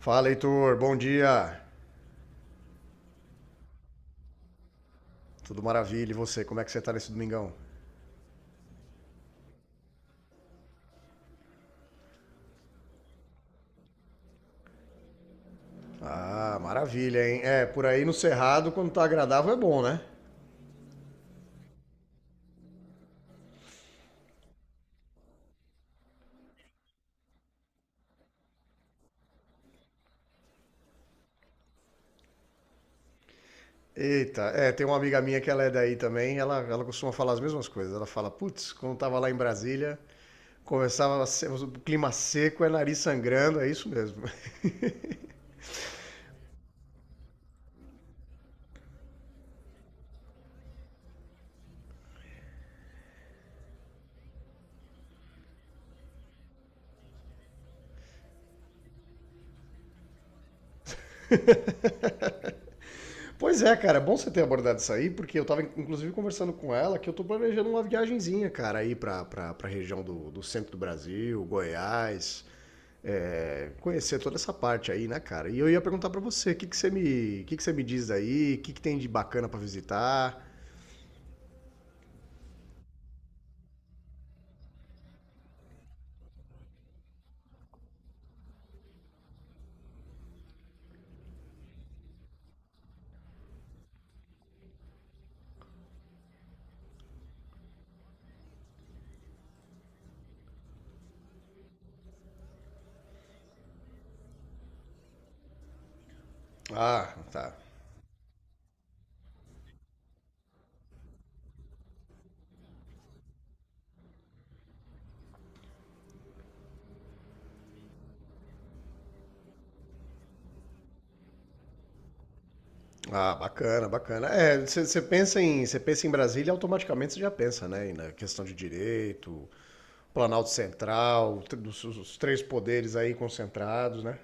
Fala, Heitor. Bom dia. Tudo maravilha. E você? Como é que você tá nesse domingão? Ah, maravilha, hein? É, por aí no Cerrado, quando tá agradável, é bom, né? Eita, é, tem uma amiga minha que ela é daí também, ela costuma falar as mesmas coisas. Ela fala, putz, quando tava lá em Brasília, conversava, o clima seco, é nariz sangrando, é isso mesmo. Pois é, cara, é bom você ter abordado isso aí, porque eu tava inclusive conversando com ela que eu tô planejando uma viagenzinha, cara, aí pra região do centro do Brasil, Goiás, é, conhecer toda essa parte aí, né, cara? E eu ia perguntar pra você, o que, que você me diz aí? O que, que tem de bacana pra visitar? Ah, tá. Ah, bacana, bacana. É, você você pensa em Brasília, automaticamente você já pensa, né, na questão de direito, Planalto Central, os três poderes aí concentrados, né?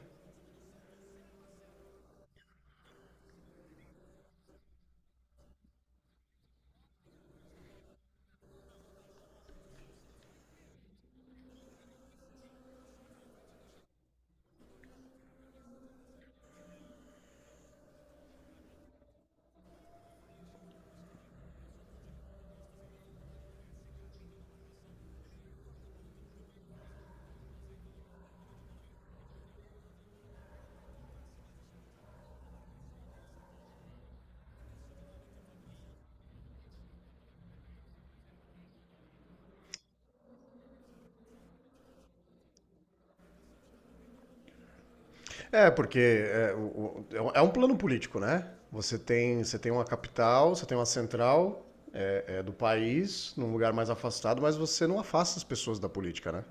É, porque é um plano político, né? Você tem uma capital, você tem uma central do país, num lugar mais afastado, mas você não afasta as pessoas da política, né?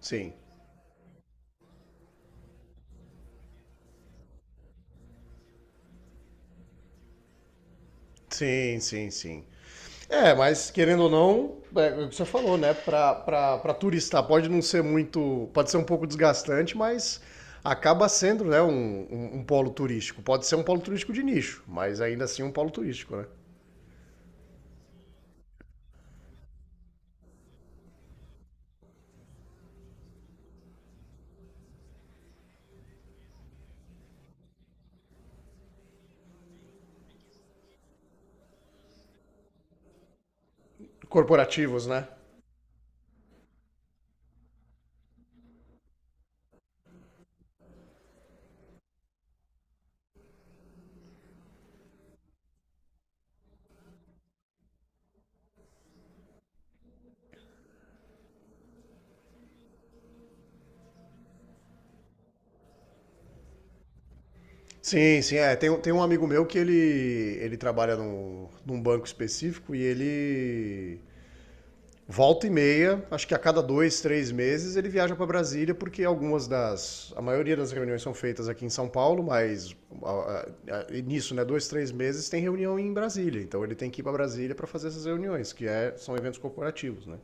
Sim. Sim, sim, sim. É, mas querendo ou não, é o que você falou, né? Pra turista pode não ser muito. Pode ser um pouco desgastante, mas acaba sendo, né, um polo turístico. Pode ser um polo turístico de nicho, mas ainda assim um polo turístico, né? Corporativos, né? Sim, sim, é. Tem um amigo meu que ele trabalha num banco específico e ele volta e meia, acho que a cada dois, três meses, ele viaja para Brasília, porque algumas das. A maioria das reuniões são feitas aqui em São Paulo, mas a- nisso, né, dois, três meses tem reunião em Brasília. Então ele tem que ir para Brasília para fazer essas reuniões, que é, são eventos corporativos, né?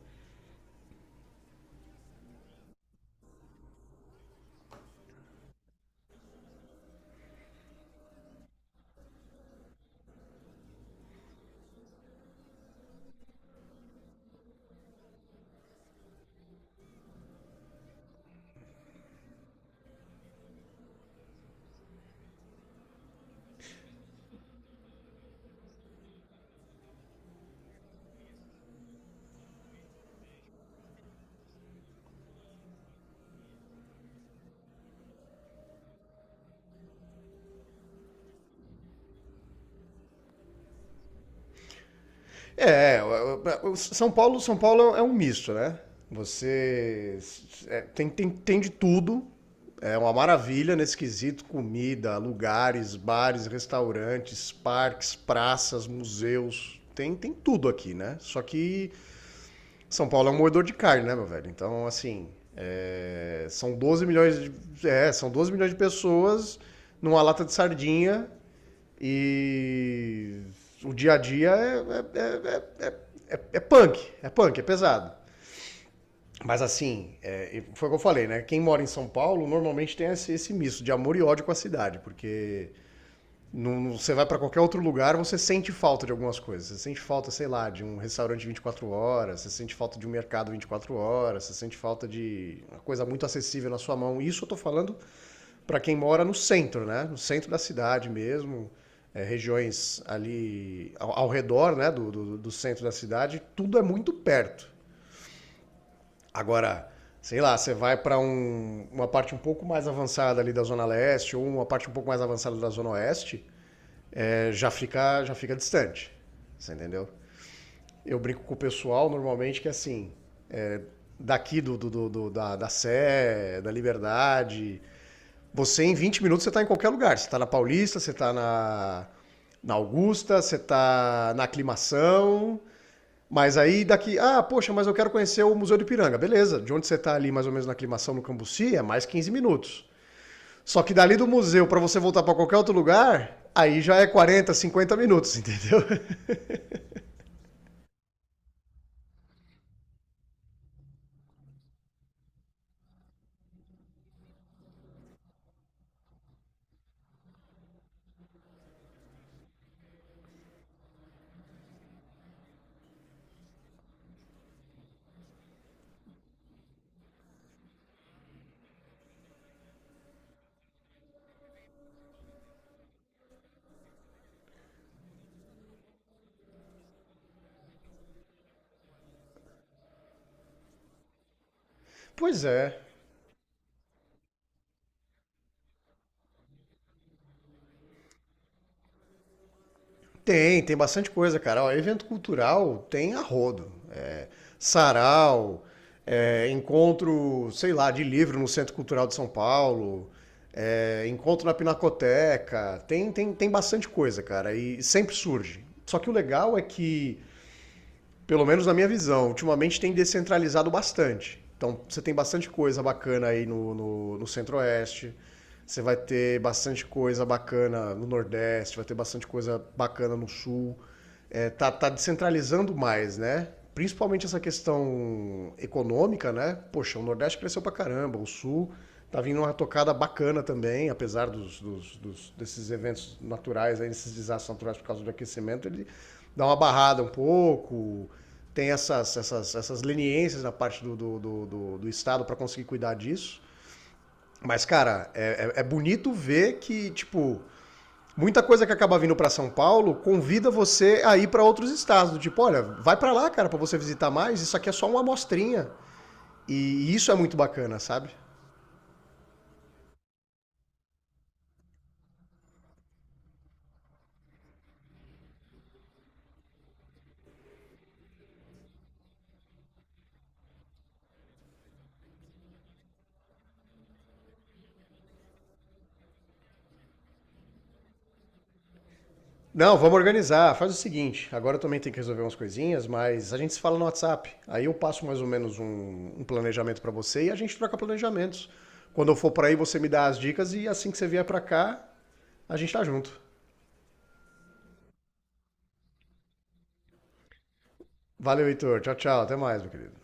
É, São Paulo é um misto, né? Você tem de tudo. É uma maravilha nesse quesito: comida, lugares, bares, restaurantes, parques, praças, museus. Tem tudo aqui, né? Só que São Paulo é um moedor de carne, né, meu velho? Então, assim, é, são 12 milhões de pessoas numa lata de sardinha e o dia a dia é punk, é punk, é pesado. Mas assim, é, foi o que eu falei, né? Quem mora em São Paulo normalmente tem esse misto de amor e ódio com a cidade, porque não, você vai para qualquer outro lugar, você sente falta de algumas coisas. Você sente falta, sei lá, de um restaurante 24 horas, você sente falta de um mercado 24 horas, você sente falta de uma coisa muito acessível na sua mão. Isso eu tô falando para quem mora no centro, né? No centro da cidade mesmo. É, regiões ali ao redor né, do centro da cidade, tudo é muito perto. Agora, sei lá, você vai para uma parte um pouco mais avançada ali da Zona Leste ou uma parte um pouco mais avançada da Zona Oeste, já fica distante. Você entendeu? Eu brinco com o pessoal normalmente que é assim, daqui da Sé, da Liberdade, você em 20 minutos você tá em qualquer lugar. Você tá na Paulista, você tá na Augusta, você tá na Aclimação. Mas aí daqui, ah, poxa, mas eu quero conhecer o Museu do Ipiranga. Beleza, de onde você está ali mais ou menos na aclimação no Cambuci é mais 15 minutos. Só que dali do museu para você voltar para qualquer outro lugar, aí já é 40 50 minutos, entendeu? Pois é. Tem bastante coisa, cara. Ó, evento cultural tem a rodo. É, sarau, é, encontro, sei lá, de livro no Centro Cultural de São Paulo, é, encontro na Pinacoteca. Tem bastante coisa, cara. E sempre surge. Só que o legal é que, pelo menos na minha visão, ultimamente tem descentralizado bastante. Então você tem bastante coisa bacana aí no Centro-Oeste. Você vai ter bastante coisa bacana no Nordeste, vai ter bastante coisa bacana no Sul. É, tá descentralizando mais, né? Principalmente essa questão econômica, né? Poxa, o Nordeste cresceu pra caramba, o Sul tá vindo uma tocada bacana também, apesar desses eventos naturais, aí, desses desastres naturais por causa do aquecimento, ele dá uma barrada um pouco, tem essas leniências da parte do Estado para conseguir cuidar disso. Mas, cara, é bonito ver que, tipo, muita coisa que acaba vindo para São Paulo convida você a ir para outros estados. Tipo, olha, vai para lá, cara, para você visitar mais. Isso aqui é só uma amostrinha. E isso é muito bacana, sabe? Não, vamos organizar. Faz o seguinte, agora eu também tenho que resolver umas coisinhas, mas a gente se fala no WhatsApp. Aí eu passo mais ou menos um planejamento para você e a gente troca planejamentos. Quando eu for para aí, você me dá as dicas e assim que você vier para cá, a gente tá junto. Valeu, Heitor. Tchau, tchau. Até mais, meu querido.